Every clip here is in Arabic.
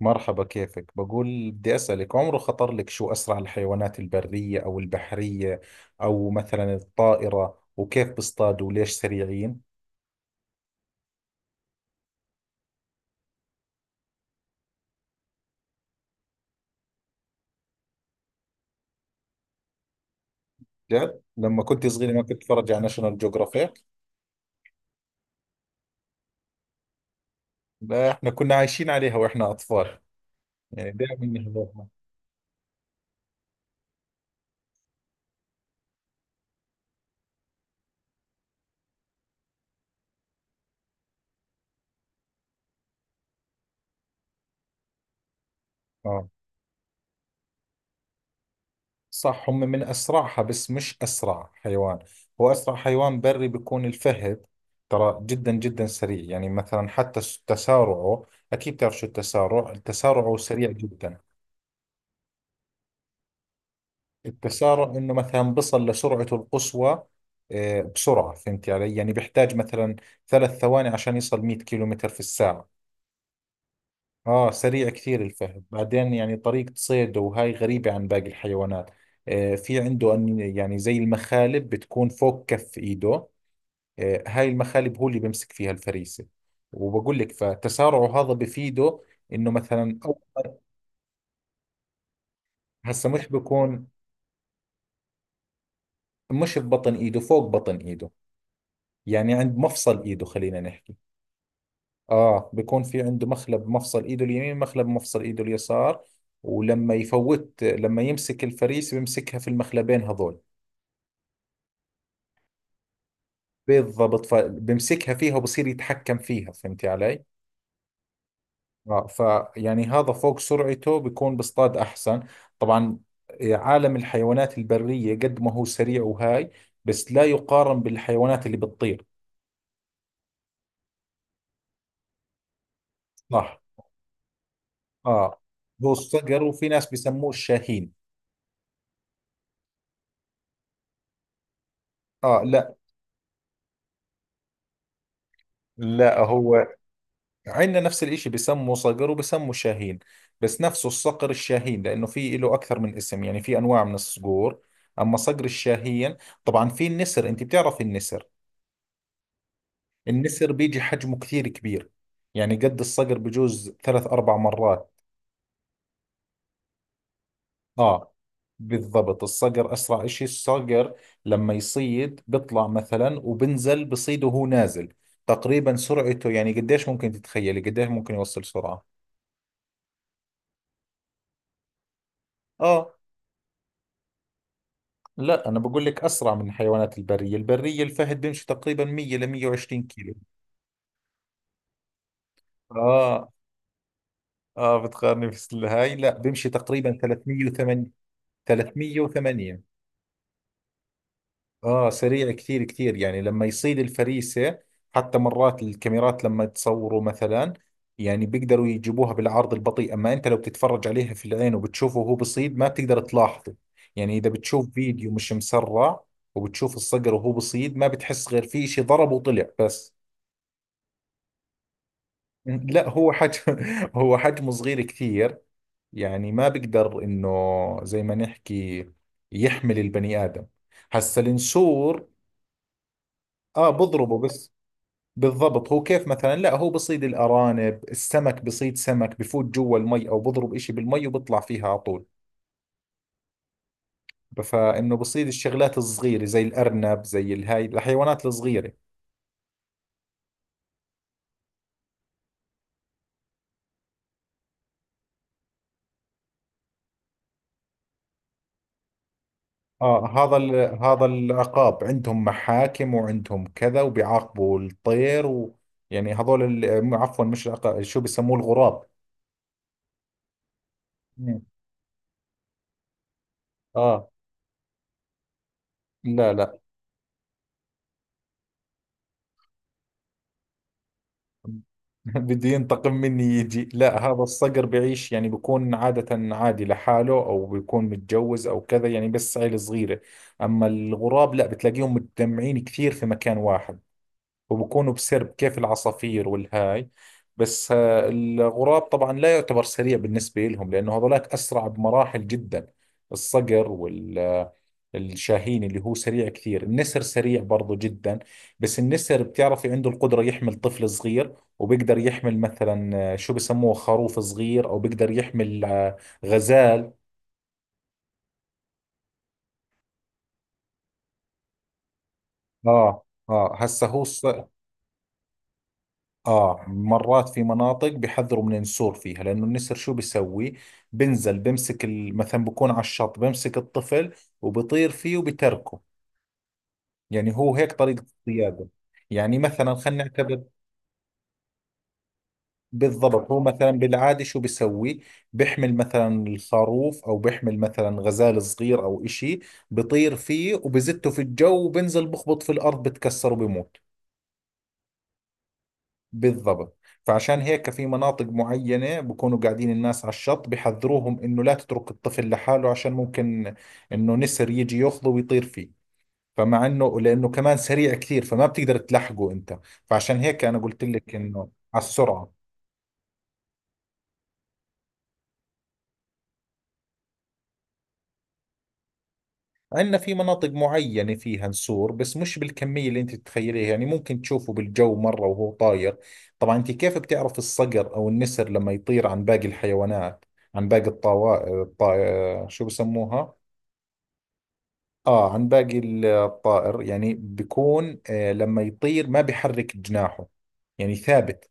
مرحبا، كيفك؟ بقول بدي أسألك، عمره خطر لك شو أسرع الحيوانات، البرية أو البحرية أو مثلا الطائرة، وكيف بيصطادوا وليش سريعين؟ جد لما كنت صغيرة ما كنت أتفرج على ناشونال جيوغرافيك؟ لا، إحنا كنا عايشين عليها وإحنا أطفال، يعني دائما نحضرها. آه، صح، هم من أسرعها بس مش أسرع حيوان. هو أسرع حيوان بري بيكون الفهد. ترى جدا جدا سريع، يعني مثلا حتى تسارعه، أكيد بتعرف شو التسارع، التسارع سريع جدا. التسارع انه مثلا بصل لسرعته القصوى. بسرعة فهمت علي، يعني بيحتاج مثلا ثلاث ثواني عشان يصل 100 كيلومتر في الساعة. اه، سريع كثير الفهد. بعدين، يعني طريقة صيده وهاي غريبة عن باقي الحيوانات. في عنده أن، يعني زي المخالب بتكون فوق كف ايده. هاي المخالب هو اللي بيمسك فيها الفريسة. وبقول لك، فتسارعه هذا بفيده انه مثلا أو، هسه مش بكون، مش ببطن ايده، فوق بطن ايده، يعني عند مفصل ايده، خلينا نحكي. اه، بيكون في عنده مخلب مفصل ايده اليمين، مخلب مفصل ايده اليسار. ولما يفوت، لما يمسك الفريسة بيمسكها في المخلبين هذول. بالضبط، فبمسكها فيها وبصير يتحكم فيها، فهمتي علي؟ اه، فيعني هذا فوق سرعته بيكون بصطاد احسن. طبعا، عالم الحيوانات البرية قد ما هو سريع وهاي، بس لا يقارن بالحيوانات اللي بتطير. صح، اه، هو الصقر، وفي ناس بيسموه الشاهين. اه، لا، هو عندنا نفس الاشي، بسموا صقر وبسموا شاهين، بس نفسه الصقر الشاهين، لانه في له اكثر من اسم، يعني في انواع من الصقور، اما صقر الشاهين. طبعا في النسر، انت بتعرف النسر، النسر بيجي حجمه كثير كبير، يعني قد الصقر بجوز ثلاث اربع مرات. اه، بالضبط الصقر اسرع اشي. الصقر لما يصيد بيطلع مثلا، وبنزل بصيد وهو نازل. تقريبا سرعته، يعني قديش ممكن تتخيلي قديش ممكن يوصل سرعة؟ اه، لا أنا بقول لك أسرع من الحيوانات البرية. البرية الفهد بيمشي تقريبا 100 ل 120 كيلو. آه، آه بتقارني في الهاي، لا، بيمشي تقريبا 308. 308، آه، سريع كثير كثير. يعني لما يصيد الفريسة، حتى مرات الكاميرات لما تصوروا مثلا، يعني بيقدروا يجيبوها بالعرض البطيء، أما أنت لو بتتفرج عليها في العين وبتشوفه وهو بصيد ما بتقدر تلاحظه. يعني إذا بتشوف فيديو مش مسرع وبتشوف الصقر وهو بصيد، ما بتحس غير في شيء ضرب وطلع بس. لا، هو حجم، هو حجمه صغير كثير، يعني ما بقدر انه زي ما نحكي يحمل البني ادم. هسا النسور، اه، بضربه بس. بالضبط، هو كيف مثلا، لا هو بصيد الارانب، السمك، بصيد سمك، بفوت جوا المي او بضرب اشي بالمي وبطلع فيها على طول. فانه بصيد الشغلات الصغيرة، زي الارنب، زي الهاي الحيوانات الصغيرة. آه هذا ال... هذا العقاب، عندهم محاكم وعندهم كذا وبيعاقبوا الطير يعني عفوا، مش العقاب، شو بيسموه؟ الغراب. مم. آه، لا، بده ينتقم مني يجي؟ لا، هذا الصقر بيعيش يعني بيكون عادة عادي لحاله، أو بيكون متجوز أو كذا يعني، بس عيلة صغيرة. أما الغراب لا، بتلاقيهم متجمعين كثير في مكان واحد، وبكونوا بسرب كيف العصافير والهاي. بس الغراب طبعا لا يعتبر سريع بالنسبة لهم، لأنه هذولاك أسرع بمراحل جدا، الصقر والشاهين اللي هو سريع كثير. النسر سريع برضو جدا، بس النسر بتعرفي عنده القدرة يحمل طفل صغير، وبيقدر يحمل مثلا شو بسموه، خروف صغير، أو بيقدر يحمل غزال. آه، آه هسه هو الص- آه، مرات في مناطق بيحذروا من النسور فيها، لأنه النسر شو بيسوي، بنزل بمسك مثلا بكون على الشط، بمسك الطفل وبطير فيه وبتركه. يعني هو هيك طريقة الصيادة. يعني مثلا، خلينا نعتبر، بالضبط، هو مثلا بالعادة شو بيسوي، بيحمل مثلا الخروف، أو بيحمل مثلا غزال صغير أو إشي، بطير فيه وبزته في الجو وبنزل بخبط في الأرض بتكسر وبموت. بالضبط، فعشان هيك في مناطق معينة بكونوا قاعدين الناس على الشط، بحذروهم انه لا تترك الطفل لحاله، عشان ممكن انه نسر يجي ياخذه ويطير فيه. فمع انه، لانه كمان سريع كثير، فما بتقدر تلحقه انت. فعشان هيك انا قلت لك انه على السرعة. عندنا في مناطق معينة فيها نسور، بس مش بالكمية اللي انت تتخيليها، يعني ممكن تشوفه بالجو مرة وهو طاير. طبعا انت كيف بتعرف الصقر او النسر لما يطير عن باقي الحيوانات، عن باقي شو بسموها؟ عن باقي الطائر، يعني بيكون، لما يطير ما بيحرك جناحه، يعني ثابت.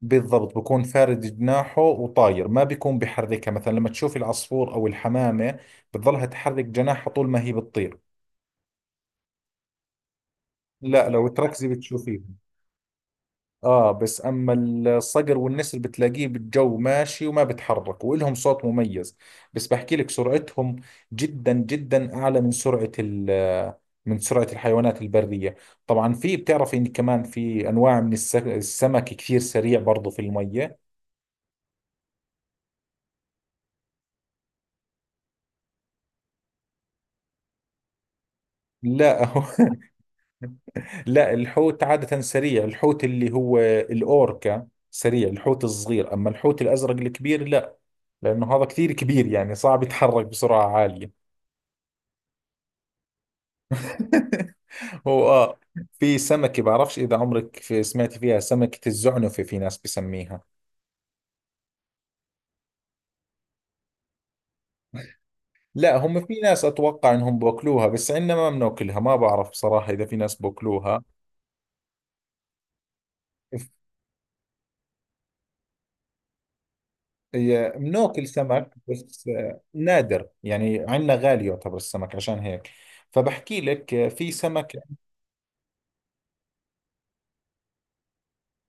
بالضبط، بكون فارد جناحه وطاير، ما بيكون بيحركها. مثلا لما تشوف العصفور أو الحمامة بتظلها تحرك جناحها طول ما هي بتطير. لا، لو تركزي بتشوفيه. اه، بس اما الصقر والنسر بتلاقيه بالجو ماشي وما بتحرك، والهم صوت مميز. بس بحكي لك، سرعتهم جدا جدا اعلى من سرعة من سرعة الحيوانات البرية. طبعا في، بتعرفي ان كمان في انواع من السمك كثير سريع برضو في المية. لا، هو، لا، الحوت عادة سريع، الحوت اللي هو الاوركا سريع، الحوت الصغير. اما الحوت الازرق الكبير لا، لانه هذا كثير كبير، يعني صعب يتحرك بسرعة عالية. هو، اه، في سمكة بعرفش إذا عمرك في سمعت فيها، سمكة الزعنفة، في ناس بسميها. لا، هم في ناس أتوقع إنهم بأكلوها، بس عندنا ما بناكلها، ما بعرف بصراحة إذا في ناس بأكلوها. ف- بناكل سمك بس نادر، يعني عندنا غالي يعتبر السمك عشان هيك. فبحكي لك في سمكة،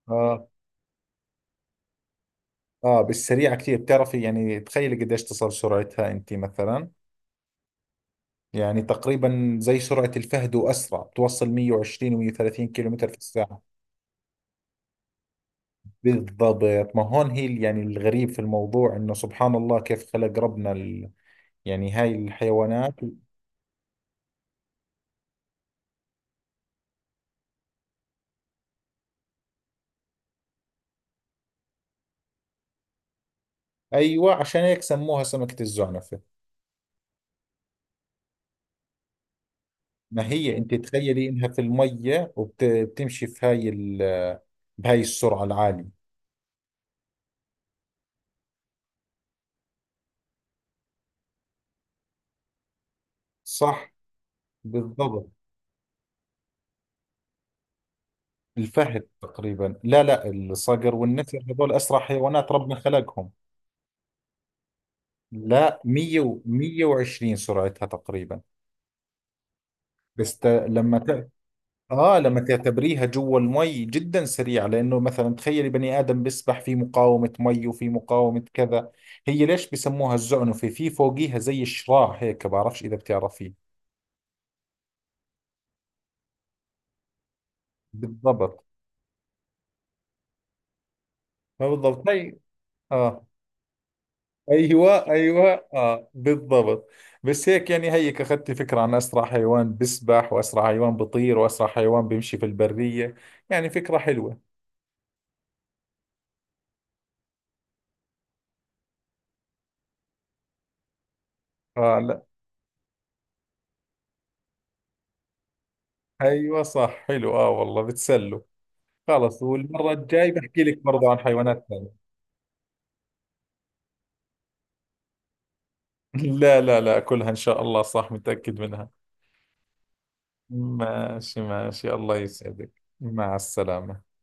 آه، بالسريعة كثير، بتعرفي، يعني تخيلي قديش تصل سرعتها أنت مثلا؟ يعني تقريبا زي سرعة الفهد وأسرع، بتوصل 120 و130 كيلو متر في الساعة. بالضبط، ما هون هي يعني الغريب في الموضوع انه سبحان الله كيف خلق ربنا يعني هاي الحيوانات. ايوه، عشان هيك سموها سمكة الزعنفة. ما هي انت تخيلي انها في المية وبتمشي في بهاي السرعة العالية. صح، بالضبط. الفهد تقريبا، لا، الصقر والنسر هذول اسرع حيوانات ربنا خلقهم. لا، 100 و 120 سرعتها تقريبا. بس ت... لما ت... اه، لما تعتبريها جوا المي جدا سريع، لانه مثلا تخيلي بني ادم بيسبح في مقاومه مي وفي مقاومه كذا. هي ليش بسموها الزعنفه، في فوقيها زي الشراع هيك، بعرفش اذا بتعرفيه. بالضبط، ما بالضبط هي، اه، ايوه، اه، بالضبط. بس هيك، يعني هيك اخذت فكره عن اسرع حيوان بيسبح، واسرع حيوان بيطير، واسرع حيوان بيمشي في البريه. يعني فكره حلوه. اه، لا، ايوه، صح، حلو، اه، والله بتسلوا. خلص، والمرة الجاي بحكي لك برضه عن حيوانات ثانية. لا لا لا، كلها إن شاء الله صح، متأكد منها. ماشي ماشي، الله يسعدك. مع السلامة.